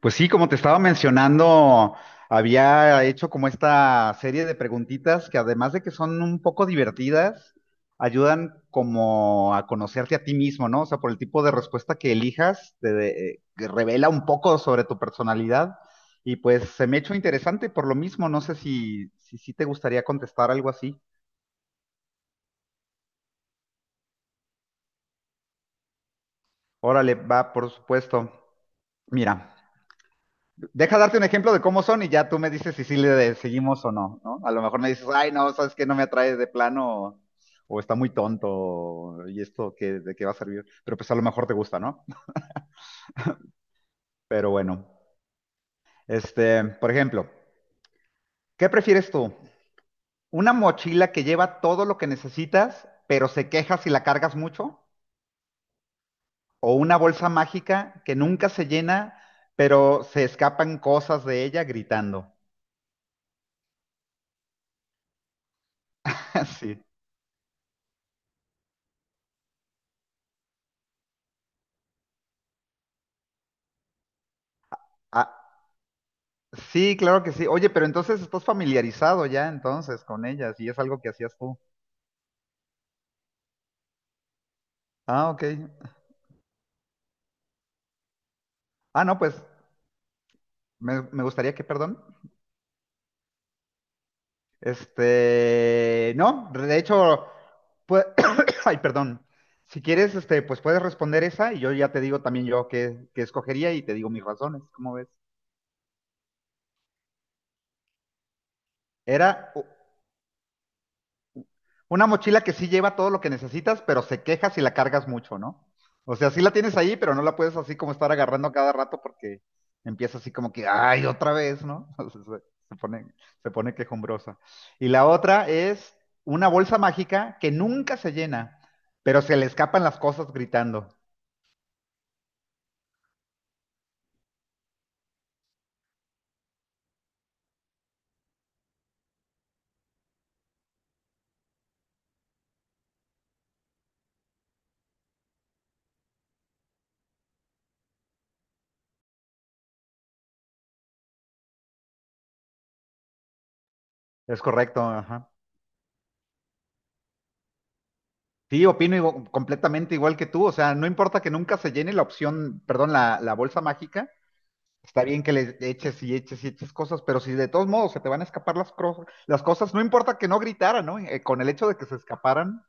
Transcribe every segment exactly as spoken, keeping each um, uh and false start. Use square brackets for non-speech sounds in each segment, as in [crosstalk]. Pues sí, como te estaba mencionando, había hecho como esta serie de preguntitas que además de que son un poco divertidas, ayudan como a conocerte a ti mismo, ¿no? O sea, por el tipo de respuesta que elijas, te de- eh, que revela un poco sobre tu personalidad. Y pues se me ha hecho interesante por lo mismo. No sé si, si, si te gustaría contestar algo así. Órale, va, por supuesto. Mira. Deja darte un ejemplo de cómo son y ya tú me dices si sí le seguimos o no, ¿no? A lo mejor me dices, ay, no, sabes que no me atrae de plano o, o está muy tonto o, ¿y esto qué, de qué va a servir? Pero pues a lo mejor te gusta, ¿no? Pero bueno, este, por ejemplo, ¿qué prefieres tú? ¿Una mochila que lleva todo lo que necesitas, pero se queja si la cargas mucho? ¿O una bolsa mágica que nunca se llena, pero se escapan cosas de ella gritando? [laughs] Sí. A- Sí, claro que sí. Oye, pero entonces estás familiarizado ya entonces con ellas y es algo que hacías tú. Ah, ok. Ah, no, pues me, me gustaría que, perdón. Este, no, de hecho, pues, [coughs] ay, perdón. Si quieres, este, pues puedes responder esa y yo ya te digo también yo qué, qué escogería y te digo mis razones, ¿cómo ves? Era una mochila que sí lleva todo lo que necesitas, pero se queja si la cargas mucho, ¿no? O sea, sí la tienes ahí, pero no la puedes así como estar agarrando cada rato porque empieza así como que, ay, otra vez, ¿no? [laughs] O sea, se, se pone, se pone quejumbrosa. Y la otra es una bolsa mágica que nunca se llena, pero se le escapan las cosas gritando. Es correcto, ajá. Sí, opino igu- completamente igual que tú. O sea, no importa que nunca se llene la opción, perdón, la, la bolsa mágica, está bien que le eches y eches y eches cosas, pero si de todos modos se te van a escapar las, cro- las cosas, no importa que no gritaran, ¿no? Eh, con el hecho de que se escaparan,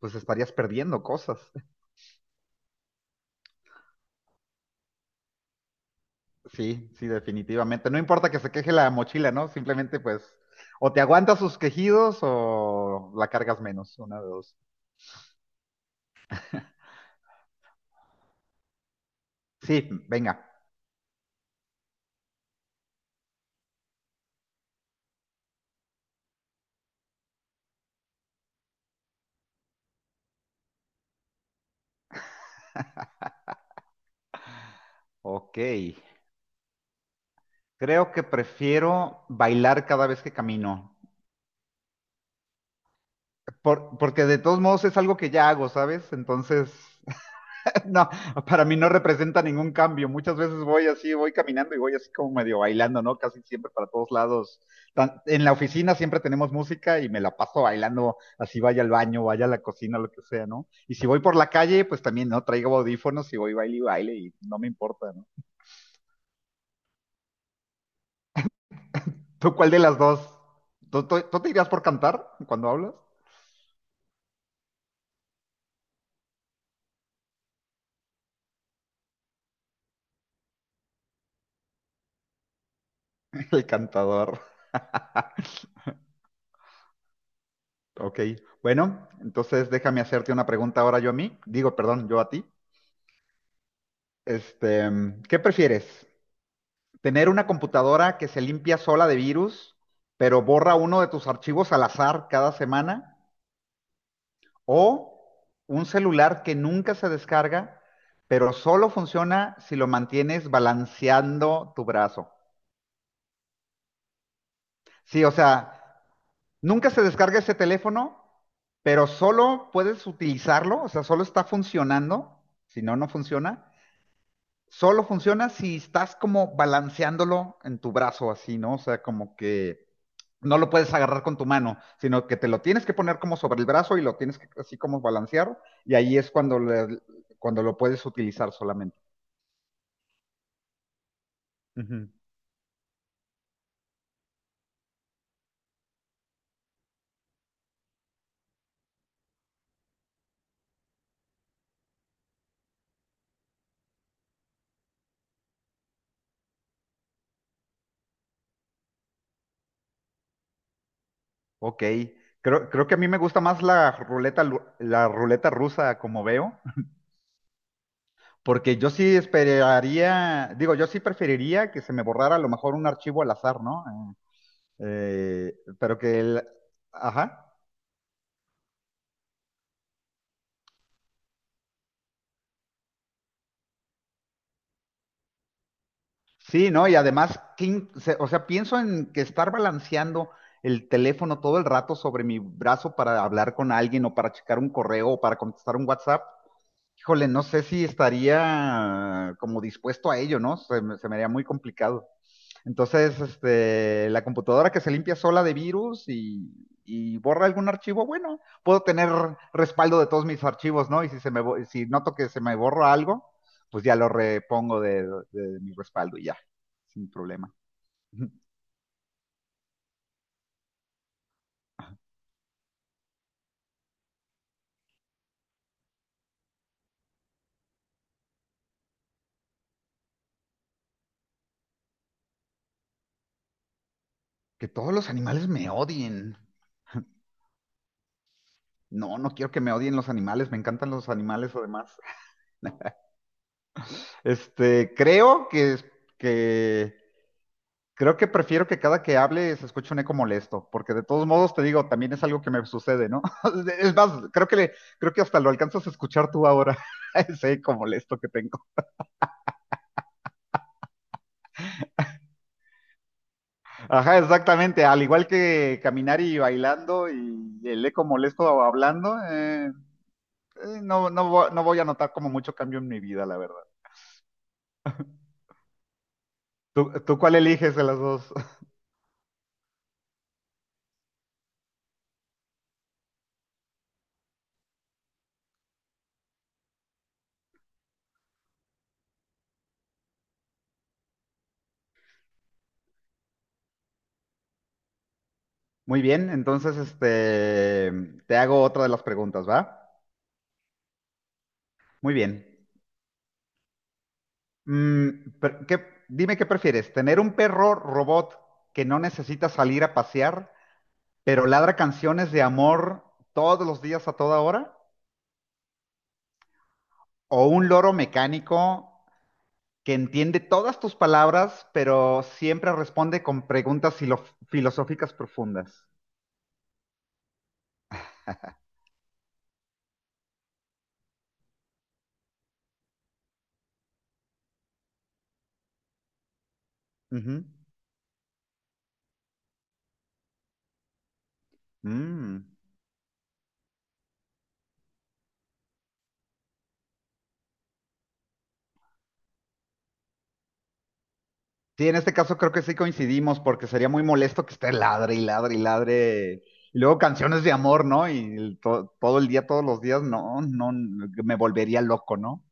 pues estarías perdiendo cosas. [laughs] Sí, sí, definitivamente. No importa que se queje la mochila, ¿no? Simplemente pues o te aguantas sus quejidos o la cargas menos, una de dos. Sí, venga. Ok. Creo que prefiero bailar cada vez que camino, por- porque de todos modos es algo que ya hago, ¿sabes? Entonces... [laughs] No, para mí no representa ningún cambio. Muchas veces voy así, voy caminando y voy así como medio bailando, ¿no? Casi siempre para todos lados. Tan- En la oficina siempre tenemos música y me la paso bailando, así vaya al baño, vaya a la cocina, lo que sea, ¿no? Y si voy por la calle, pues también, ¿no? Traigo audífonos y voy baile y baile y no me importa, ¿no? ¿Tú cuál de las dos? ¿Tú, tú- tú te irías por cantar cuando hablas? [laughs] El cantador. Ok, bueno, entonces déjame hacerte una pregunta ahora yo a mí. Digo, perdón, yo a ti. Este, ¿qué prefieres? Tener una computadora que se limpia sola de virus, pero borra uno de tus archivos al azar cada semana. O un celular que nunca se descarga, pero solo funciona si lo mantienes balanceando tu brazo. Sí, o sea, nunca se descarga ese teléfono, pero solo puedes utilizarlo, o sea, solo está funcionando, si no, no funciona, solo funciona si estás como balanceándolo en tu brazo así, ¿no? O sea, como que no lo puedes agarrar con tu mano, sino que te lo tienes que poner como sobre el brazo y lo tienes que así como balancear y ahí es cuando, le- cuando lo puedes utilizar solamente. Ujú. Ok, creo, creo que a mí me gusta más la ruleta, lu- la ruleta rusa como veo, porque yo sí esperaría, digo, yo sí preferiría que se me borrara a lo mejor un archivo al azar, ¿no? Eh, pero que el... Ajá. Sí, ¿no? Y además, qué in- se- o sea, pienso en que estar balanceando el teléfono todo el rato sobre mi brazo para hablar con alguien o para checar un correo o para contestar un WhatsApp. Híjole, no sé si estaría como dispuesto a ello, ¿no? Se me, se me haría muy complicado. Entonces, este, la computadora que se limpia sola de virus y, y borra algún archivo, bueno, puedo tener respaldo de todos mis archivos, ¿no? Y si se me, si noto que se me borra algo, pues ya lo repongo de, de mi respaldo y ya, sin problema. [laughs] Que todos los animales me odien. No, no quiero que me odien los animales, me encantan los animales además. Este, creo que, que creo que prefiero que cada que hable se escuche un eco molesto, porque de todos modos te digo, también es algo que me sucede, ¿no? [laughs] Es más, creo que le, creo que hasta lo alcanzas a escuchar tú ahora, [laughs] ese eco molesto que tengo. Ajá, exactamente, al igual que caminar y bailando y el eco molesto hablando, eh, eh, no, no, vo- no voy a notar como mucho cambio en mi vida, la verdad. ¿Tú, tú cuál eliges de las dos? [laughs] Muy bien, entonces este, te hago otra de las preguntas, ¿va? Muy bien. Mm, pero ¿qué- dime qué prefieres, ¿tener un perro robot que no necesita salir a pasear, pero ladra canciones de amor todos los días a toda hora, o un loro mecánico que entiende todas tus palabras, pero siempre responde con preguntas filo- filosóficas profundas? Ujú. Mm. Sí, en este caso creo que sí coincidimos, porque sería muy molesto que esté ladre y ladre y ladre. Y luego canciones de amor, ¿no? Y el to- todo el día, todos los días, no, no, me volvería loco, ¿no?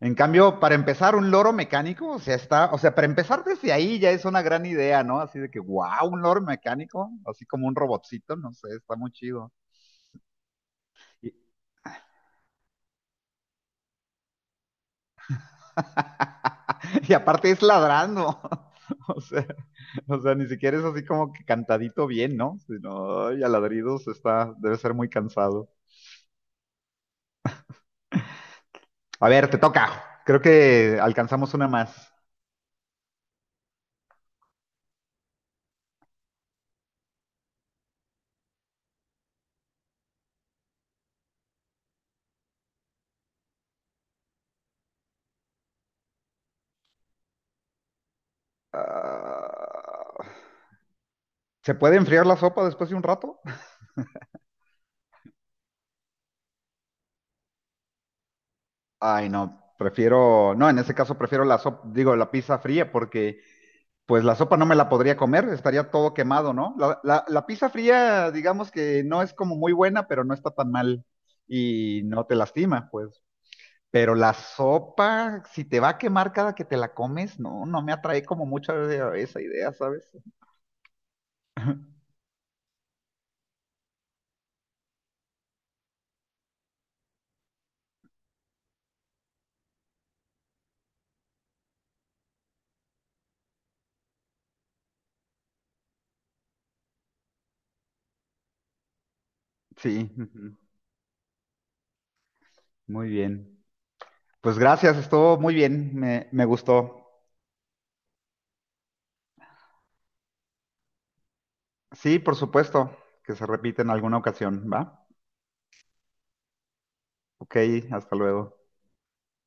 En cambio, para empezar, un loro mecánico, o sea, está, o sea, para empezar desde ahí ya es una gran idea, ¿no? Así de que, wow, un loro mecánico, así como un robotcito, no sé, está muy chido. Y, [laughs] y aparte es ladrando, [laughs] o sea, o sea, ni siquiera es así como que cantadito bien, ¿no? Sino, ay, a ladridos está, debe ser muy cansado. A ver, te toca. Creo que alcanzamos una más. Ah, ¿se puede enfriar la sopa después de un rato? Ay, no, prefiero, no, en ese caso prefiero la sopa, digo, la pizza fría, porque pues la sopa no me la podría comer, estaría todo quemado, ¿no? La, la- la pizza fría, digamos que no es como muy buena, pero no está tan mal y no te lastima, pues. Pero la sopa, si te va a quemar cada que te la comes, no, no me atrae como mucho esa idea, ¿sabes? Sí, ujú. Muy bien. Pues gracias, estuvo muy bien, me, me gustó. Sí, por supuesto, que se repite en alguna ocasión, ¿va? Ok, hasta luego.